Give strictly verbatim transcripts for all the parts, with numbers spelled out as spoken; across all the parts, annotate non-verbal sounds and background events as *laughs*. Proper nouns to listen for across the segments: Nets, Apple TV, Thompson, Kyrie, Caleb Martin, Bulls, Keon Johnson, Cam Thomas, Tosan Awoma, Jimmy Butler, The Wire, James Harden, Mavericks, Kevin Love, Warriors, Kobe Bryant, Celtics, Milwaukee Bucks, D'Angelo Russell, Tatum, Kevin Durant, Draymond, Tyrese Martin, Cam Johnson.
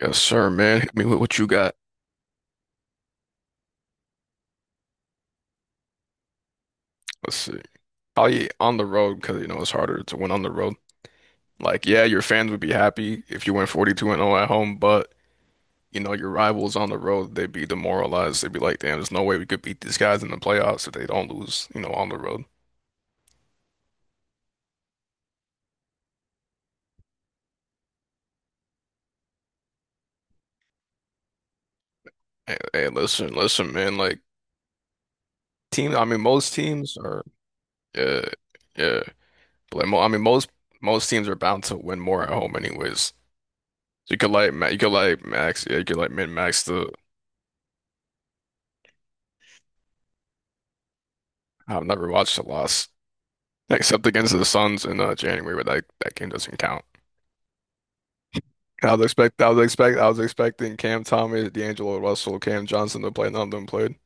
Yes, sir, man. Hit me with what you got. Let's see. Probably on the road because you know it's harder to win on the road. Like, yeah, your fans would be happy if you went forty-two and zero at home, but you know your rivals on the road, they'd be demoralized. They'd be like, "Damn, there's no way we could beat these guys in the playoffs if they don't lose, you know, on the road." Hey, hey, listen, listen, man. Like, teams. I mean, most teams are, yeah, yeah. But like, mo I mean, most most teams are bound to win more at home, anyways. So you could like, ma- you could like max, yeah, you could like min max the. I've never watched a loss. Except against the Suns in uh, January, but that, that game doesn't count. I was expect I was expect I was expecting Cam Thomas, D'Angelo Russell, Cam Johnson to play. None of them played.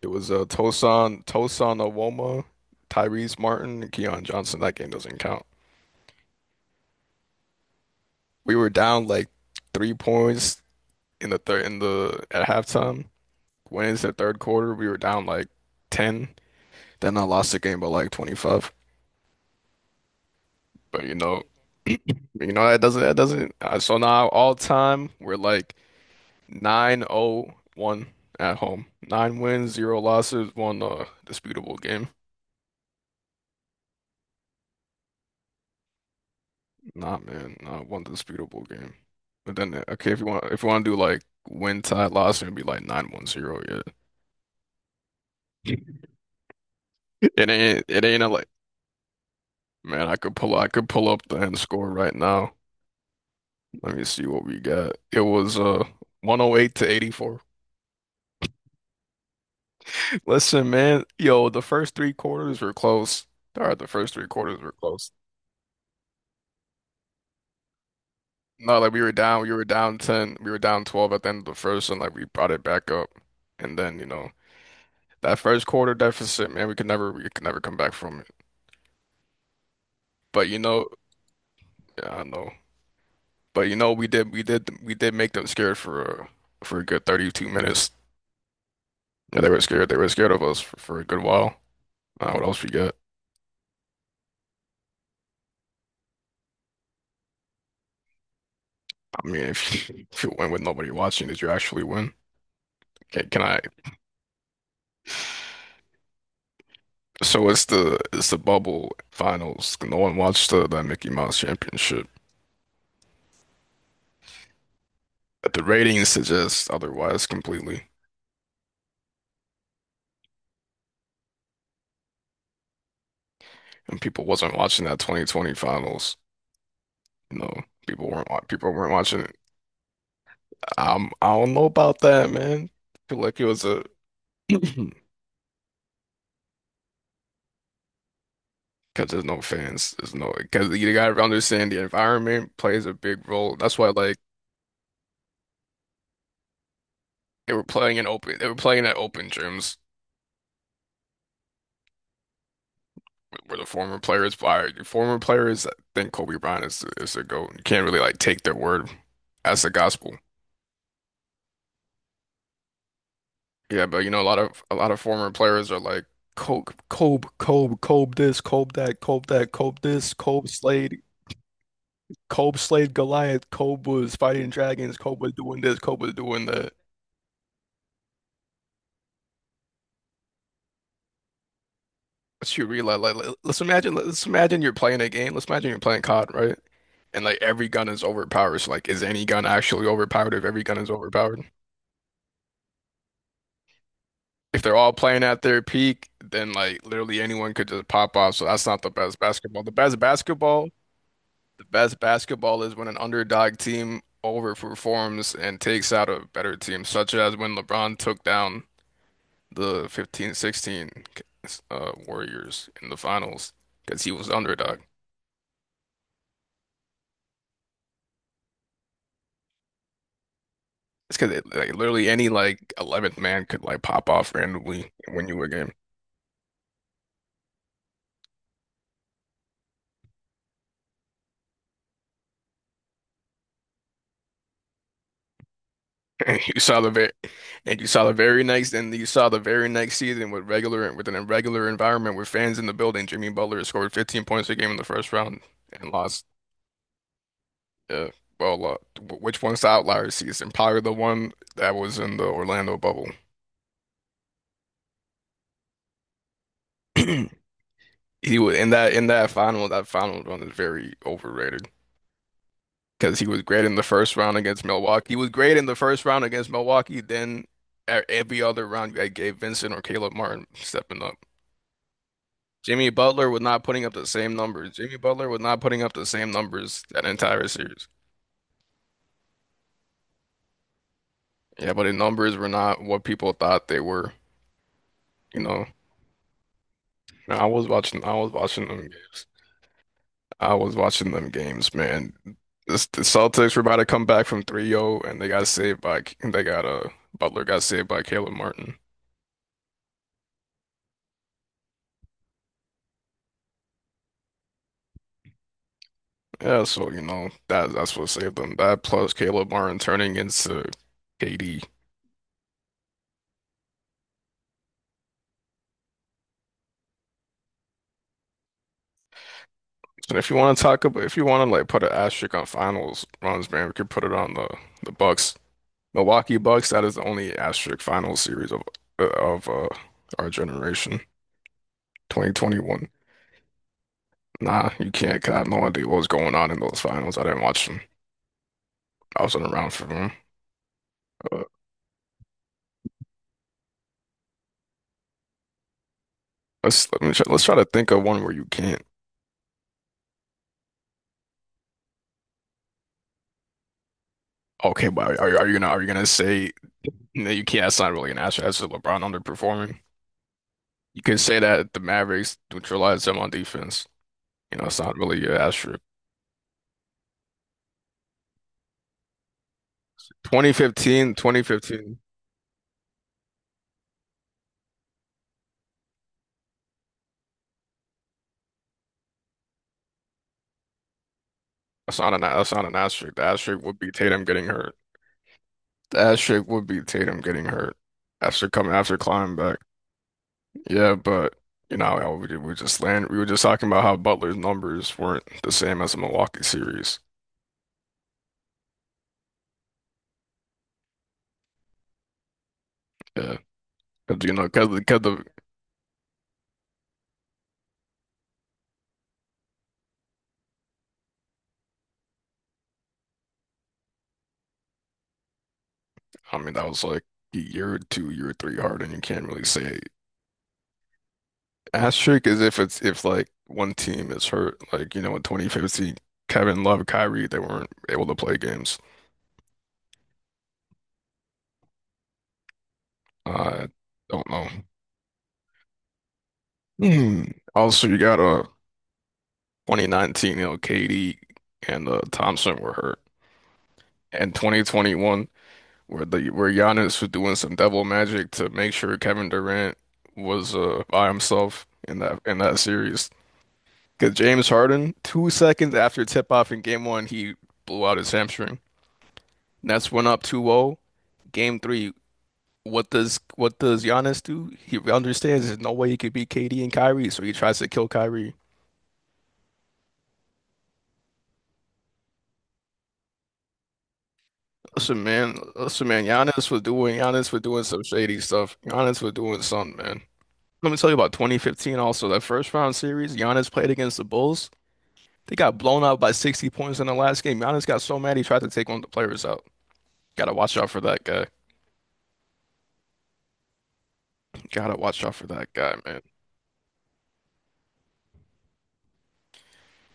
It was uh, Tosan Tosan Awoma, Tyrese Martin, and Keon Johnson. That game doesn't count. We were down like three points in the third in the at halftime. Went into the third quarter, we were down like ten. Then I lost the game by like twenty five. But you know, *clears throat* you know that doesn't that doesn't. Uh, so now all time we're like nine oh one at home. Nine wins, zero losses, one uh disputable game. Nah, man, not one disputable game. But then uh, okay, if you want if you want to do like win tie loss, it'd be like nine one zero. Yeah. *laughs* It ain't it ain't a, like Man, I could pull I could pull up the end score right now. Let me see what we got. It was uh one oh eight to eighty-four. *laughs* Listen, man, yo, the first three quarters were close. All right, the first three quarters were close. No, like we were down, we were down ten, we were down twelve at the end of the first, and like we brought it back up. And then, you know, that first quarter deficit, man, we could never, we could never come back from it. But you know, yeah, I know. But you know, we did, we did, we did make them scared for uh, for a good thirty-two minutes. Yeah, they were scared. They were scared of us for, for a good while. Uh, what else we got? I mean, if you, *laughs* if you win with nobody watching, did you actually win? Can, can I? So it's the it's the bubble finals. No one watched the, the Mickey Mouse Championship. But the ratings suggest otherwise completely. And people wasn't watching that twenty twenty finals. You know, people weren't wa- people weren't watching it. I'm, I don't know about that, man. I feel like it was a *clears throat* because there's no fans. There's no Because you gotta understand the environment plays a big role. That's why like they were playing in open they were playing at open gyms where the former players by former players I think Kobe Bryant is is a GOAT. You can't really like take their word as the gospel. Yeah, but you know, a lot of a lot of former players are like Kobe, Kobe, Kobe, Kobe this, Kobe that, Kobe that, Kobe this, Kobe Slade, Kobe Slade Goliath, Kobe was fighting dragons, Kobe was doing this, Kobe was doing that. But you realize, like, let- let's imagine, let's imagine you're playing a game. Let's imagine you're playing COD, right? And like every gun is overpowered. So like, is any gun actually overpowered if every gun is overpowered? If they're all playing at their peak, then like literally anyone could just pop off. So that's not the best basketball. The best basketball. The best basketball is when an underdog team overperforms and takes out a better team, such as when LeBron took down the fifteen sixteen uh, Warriors in the finals because he was the underdog. It's because it, like literally any like eleventh man could like pop off randomly and win you a game. *laughs* And you saw the very, and you saw the very next, and you saw the very next season with regular with an irregular environment with fans in the building. Jimmy Butler scored fifteen points a game in the first round and lost. Yeah. Well, uh, wh- which one's the outlier season? Probably the one that was in the Orlando bubble. *clears throat* He was in that in that final. That final run is very overrated because he was great in the first round against Milwaukee. He was great in the first round against Milwaukee. Then e- every other round that gave Vincent or Caleb Martin stepping up. Jimmy Butler was not putting up the same numbers. Jimmy Butler was not putting up the same numbers that entire series. Yeah, but the numbers were not what people thought they were. You know, I was watching. I was watching them games. I was watching them games, man. This, the Celtics were about to come back from three zero, and they got saved by they got uh Butler got saved by Caleb Martin. Yeah, so you know that that's what saved them. That plus Caleb Martin turning into K D. So if you want to talk about, if you want to like put an asterisk on finals runs, man, we could put it on the the Bucks, Milwaukee Bucks. That is the only asterisk finals series of uh, of uh, our generation, twenty twenty-one. Nah, you can't. 'Cause I have no idea what was going on in those finals. I didn't watch them. I wasn't around for them. Uh, let's let me try, let's try to think of one where you can't. Okay, but are, you- are you gonna are you gonna say no? You can't. That's not really an answer. That's just LeBron underperforming. You can say that the Mavericks neutralized them on defense. You know, it's not really an asterisk. Twenty fifteen, twenty fifteen. That's not an that's not an asterisk. The asterisk would be Tatum getting hurt. The asterisk would be Tatum getting hurt after coming after climbing back. Yeah, but you know, we we just land. We were just talking about how Butler's numbers weren't the same as the Milwaukee series. Yeah. Cause you know, cause, the- cause the, I mean, that was like year two, year three hard, and you can't really say asterisk is if it's if like one team is hurt, like you know, in twenty fifteen, Kevin Love, Kyrie, they weren't able to play games. I don't know. *clears throat* Hmm. Also, you got uh twenty nineteen, you know, K D and uh, Thompson were hurt, and twenty twenty-one where the where Giannis was doing some devil magic to make sure Kevin Durant was uh by himself in that in that series. Because James Harden, two seconds after tip off in game one, he blew out his hamstring. Nets went up two zero. Game three, what does what does Giannis do? He understands there's no way he could beat K D and Kyrie, so he tries to kill Kyrie. Listen, man, listen, man, Giannis was doing Giannis was doing some shady stuff. Giannis was doing something, man. Let me tell you about twenty fifteen also. That first round series, Giannis played against the Bulls. They got blown out by sixty points in the last game. Giannis got so mad he tried to take one of the players out. Gotta watch out for that guy. Gotta watch out for that guy, man.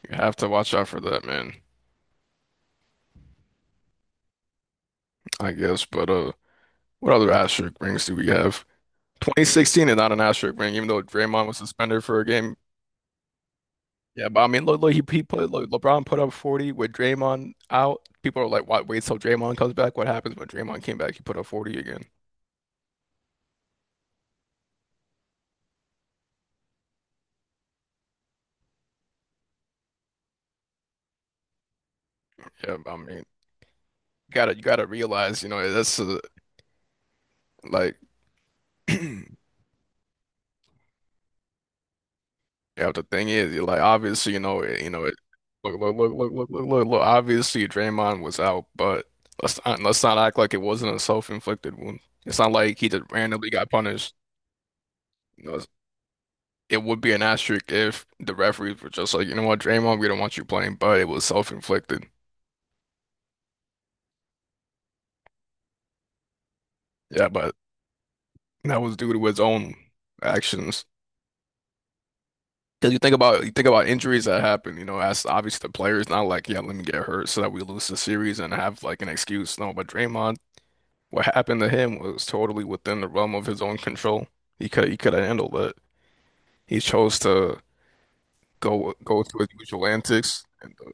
You have to watch out for that man, I guess. But uh, what other asterisk rings do we have? twenty sixteen is not an asterisk ring, even though Draymond was suspended for a game. Yeah, but I mean, look, look, he, he put look, LeBron put up forty with Draymond out. People are like, "What? Wait till Draymond comes back." What happens when Draymond came back? He put up forty again. Yeah, I mean, you gotta you gotta realize, you know, that's uh, like. *clears throat* Yeah, the thing is, like obviously, you know, it- you know, it, look, look, look, look, look, look, look, look. Obviously, Draymond was out, but let's not let's not act like it wasn't a self-inflicted wound. It's not like he just randomly got punished. You know, it would be an asterisk if the referees were just like, you know what, Draymond, we don't want you playing, but it was self-inflicted. Yeah, but that was due to his own actions. Because you think about you think about injuries that happen, you know, as obviously the players not like, yeah, let me get hurt so that we lose the series and have like an excuse. No, but Draymond. What happened to him was totally within the realm of his own control. He could he could have handled it. He chose to go go to his usual antics. And, uh,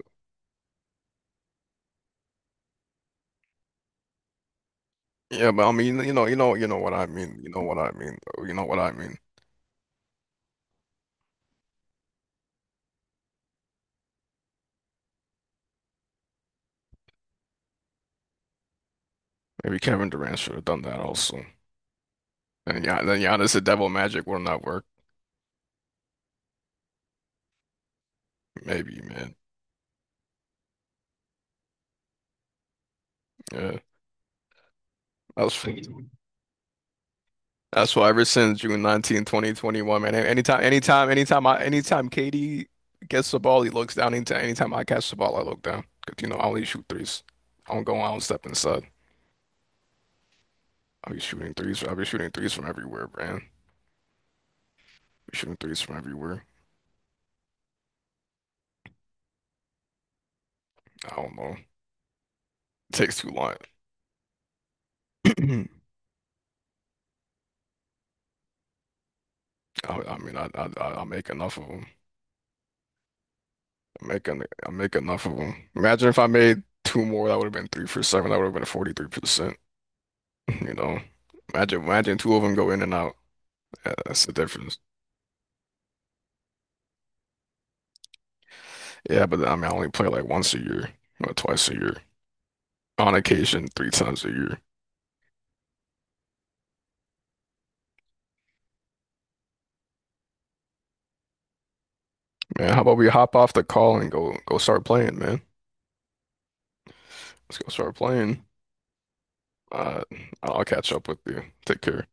yeah, but I mean, you know, you know, you know what I mean. You know what I mean. though. You know what I mean. Maybe Kevin Durant should have done that also. And yeah, then Gian- then Giannis the Devil Magic would not work. Maybe, man. Yeah, that was. That's why ever since June twenty twenty-one, man, anytime, anytime, anytime I, anytime Katie gets the ball, he looks down. Anytime, anytime I catch the ball, I look down. 'Cause, you know, I only shoot threes. I don't go, I don't step inside. I'll be shooting threes. I'll be shooting threes from everywhere, man. Be shooting threes from everywhere. I don't know. It takes too long. *clears throat* I, I mean, I, I, I I make enough of them. I make, en- I make enough of them. Imagine if I made two more, that would have been three for seven. That would have been forty-three percent. *laughs* You know, imagine, imagine two of them go in and out. Yeah, that's the difference. Yeah, but I mean, I only play like once a year or twice a year. On occasion, three times a year. Man, how about we hop off the call and go go start playing, man? Let's go start playing. Uh, I'll catch up with you. Take care.